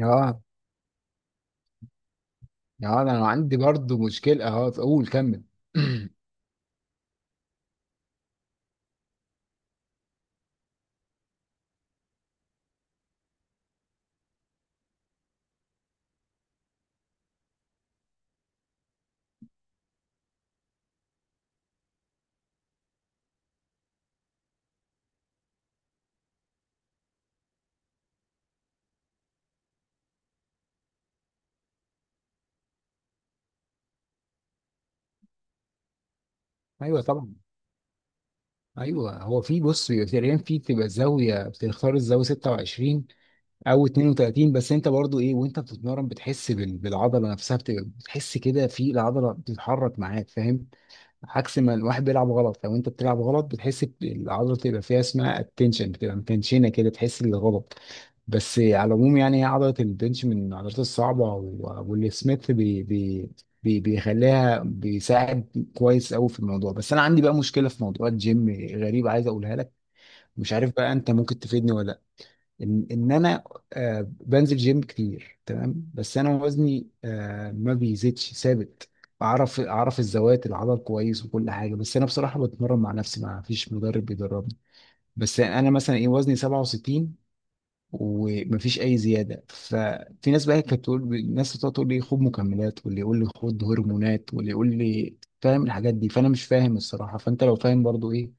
اه اه انا عندي برضو مشكله، اقول كمل. ايوه طبعا. ايوه هو، في بص، تقريبا في تبقى زاويه، بتختار الزاويه 26 او 32. بس انت برضو ايه وانت بتتمرن بتحس بالعضله نفسها، بتبقى بتحس كده في العضله بتتحرك معاك، فاهم؟ عكس ما الواحد بيلعب غلط، لو انت بتلعب غلط بتحس العضله بتبقى فيها اسمها التنشن، بتبقى متنشنه كده، تحس بالغلط. بس على العموم يعني هي عضلة البنش من العضلات الصعبة، واللي سميث بي بيخليها، بيساعد كويس قوي في الموضوع. بس انا عندي بقى مشكلة في موضوع الجيم غريبة عايز اقولها لك. مش عارف بقى انت ممكن تفيدني ولا لا. ان انا آه بنزل جيم كتير، تمام؟ بس انا وزني آه ما بيزيدش، ثابت. اعرف، اعرف الزوايا، العضل كويس وكل حاجه، بس انا بصراحه بتمرن مع نفسي، ما فيش مدرب بيدربني. بس انا مثلا ايه، وزني 67 ومفيش اي زياده. ففي ناس بقى كانت تقول، الناس بتقعد تقول لي خد مكملات، واللي يقول لي خد هرمونات، واللي يقول لي، فاهم؟ الحاجات دي، فانا مش فاهم الصراحه، فانت لو فاهم برضو ايه.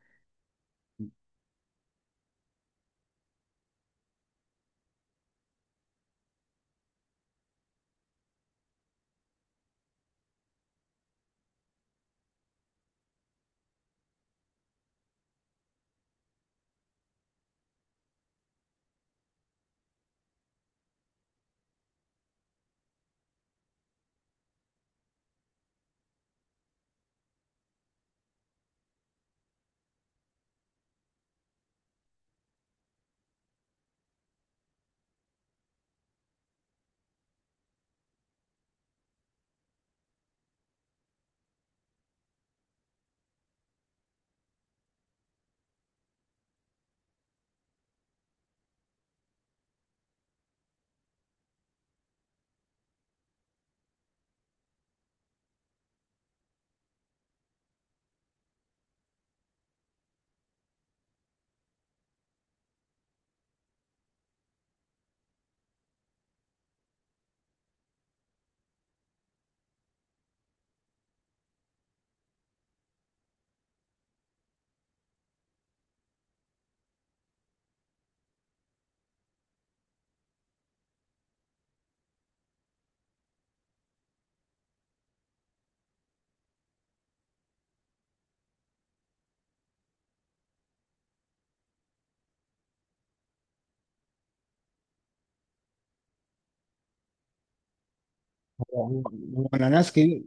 هو- هو انا، ناس كتير،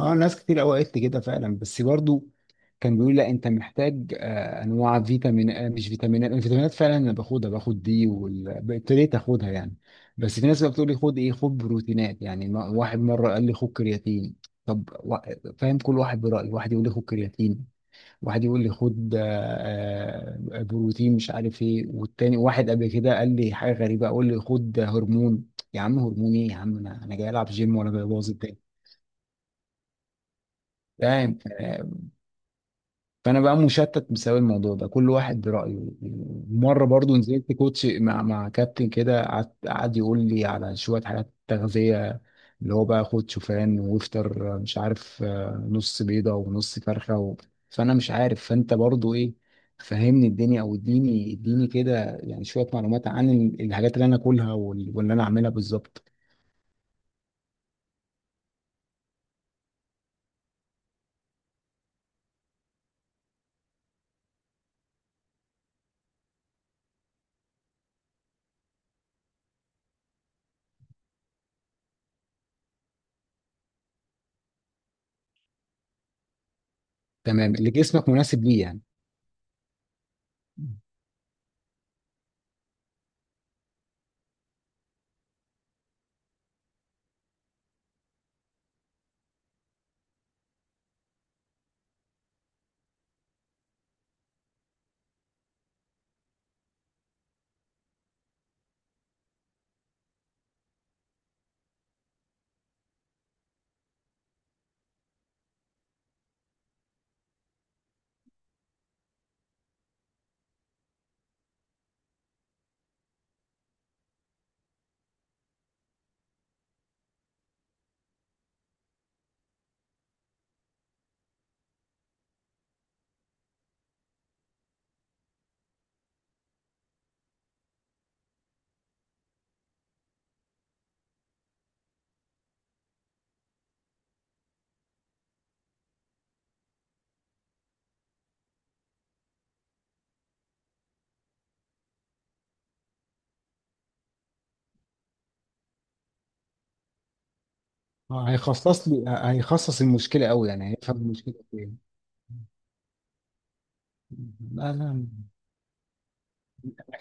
اه ناس كتير قوي قالت لي كده فعلا، بس برضو كان بيقول لا انت محتاج انواع فيتامين، مش فيتامينات. الفيتامينات فعلا انا باخدها، باخد دي وابتديت اخدها يعني. بس في ناس بقى بتقول لي خد ايه، خد بروتينات يعني. واحد مره قال لي خد كرياتين. طب فاهم، كل واحد برايه. واحد يقول لي خد كرياتين، واحد يقول لي خد بروتين مش عارف ايه، والتاني واحد قبل كده قال لي حاجه غريبه، اقول لي خد هرمون. يا عم هرمون ايه يا عم، انا جاي العب جيم ولا جاي ابوظ الدنيا؟ فاهم؟ فانا بقى مشتت بسبب الموضوع ده، كل واحد برأيه. مره برضو نزلت كوتش مع كابتن كده، قعد يقول لي على شويه حاجات تغذيه، اللي هو بقى خد شوفان، وافطر مش عارف، نص بيضه ونص فرخه و... فانا مش عارف، فانت برضو ايه، فهمني الدنيا او اديني كده يعني شويه معلومات عن الحاجات اللي انا اكلها واللي انا اعملها بالظبط. تمام، اللي جسمك مناسب ليه يعني. هيخصص المشكله قوي يعني، هيفهم المشكله فين. لا لا.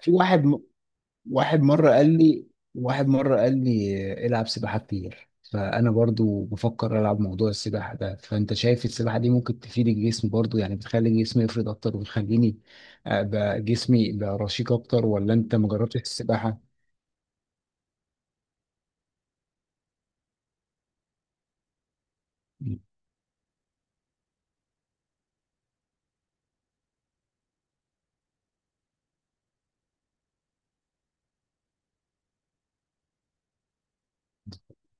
في واحد م... واحد مرة قال لي واحد مرة قال لي العب سباحة كتير، فأنا برضو بفكر ألعب موضوع السباحة ده. فأنت شايف السباحة دي ممكن تفيد الجسم برضو يعني، بتخلي جسمي يفرد أكتر وتخليني جسمي يبقى رشيق أكتر؟ ولا أنت ما جربتش السباحة؟ مم.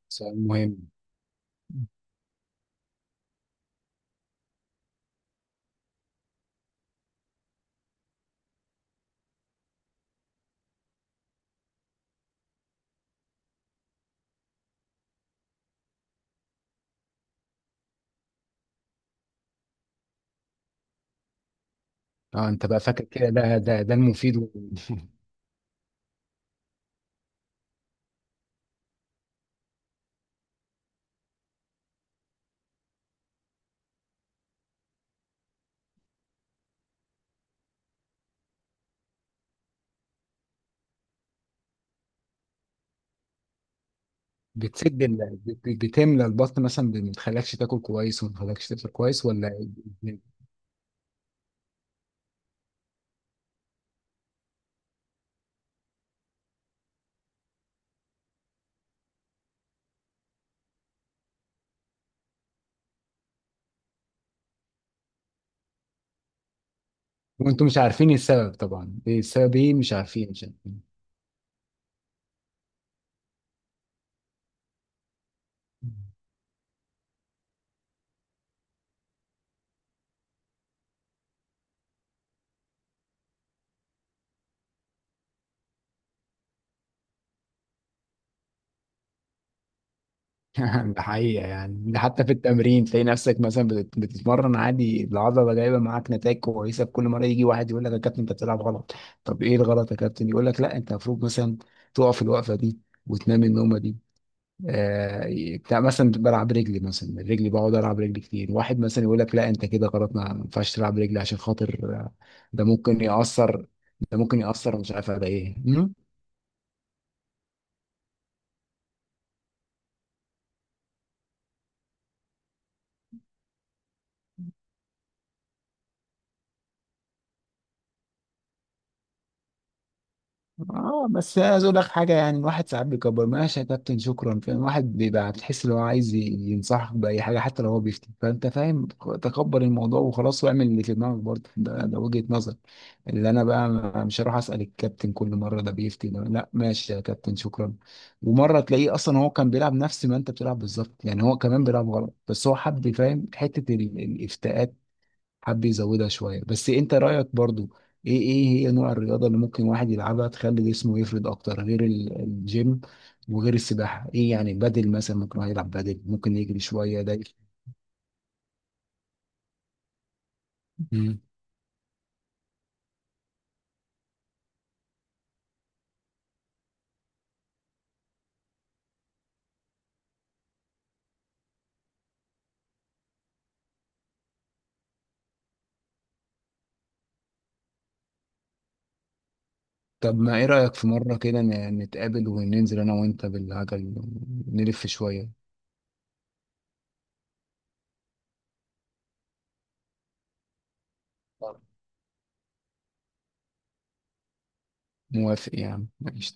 سؤال مهم. اه انت بقى فاكر كده، ده المفيد و... بتسد بتملى البطن مثلا، ما بتخليكش تاكل كويس وما بتخليكش تفطر كويس، ولا؟ وانتم مش عارفين السبب طبعا، ايه السبب، ايه، مش عارفين، مش عارفين. ده حقيقة يعني. ده حتى في التمرين تلاقي نفسك مثلا بتتمرن عادي، العضلة جايبة معاك نتائج كويسة، كل مرة يجي واحد يقول لك يا كابتن انت بتلعب غلط. طب ايه الغلط يا كابتن؟ يقول لك لا انت المفروض مثلا تقف الوقفة دي وتنام النومة دي. آه بتاع مثلا، بلعب رجلي، مثلا رجلي بقعد العب رجلي كتير، واحد مثلا يقول لك لا انت كده غلط، ما ينفعش تلعب رجلي عشان خاطر آه، ده ممكن يأثر، ده ممكن يأثر مش عارف على ايه. اه بس عايز اقول لك حاجه يعني، الواحد ساعات بيكبر، ماشي يا كابتن شكرا، فاهم؟ الواحد بيبقى بتحس ان هو عايز ينصحك باي حاجه حتى لو هو بيفتي، فانت فاهم تكبر الموضوع وخلاص، واعمل اللي في دماغك برضه. ده، ده وجهه نظر. اللي انا بقى، مش هروح اسال الكابتن كل مره، ده بيفتي ده، لا ماشي يا كابتن شكرا. ومره تلاقيه اصلا هو كان بيلعب نفس ما انت بتلعب بالظبط يعني، هو كمان بيلعب غلط، بس هو حب فاهم حته الافتاءات، حب يزودها شويه. بس انت رايك برضو ايه، ايه هي نوع الرياضه اللي ممكن واحد يلعبها تخلي جسمه يفرد اكتر غير الجيم وغير السباحه؟ ايه يعني، بدل مثلا ممكن واحد يلعب، بدل ممكن يجري شويه ده. مم. طب ما ايه رايك في مره كده نتقابل وننزل انا وانت بالعجل، نلف شويه؟ موافق يعني، ماشي.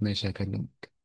ماشي هكلمك.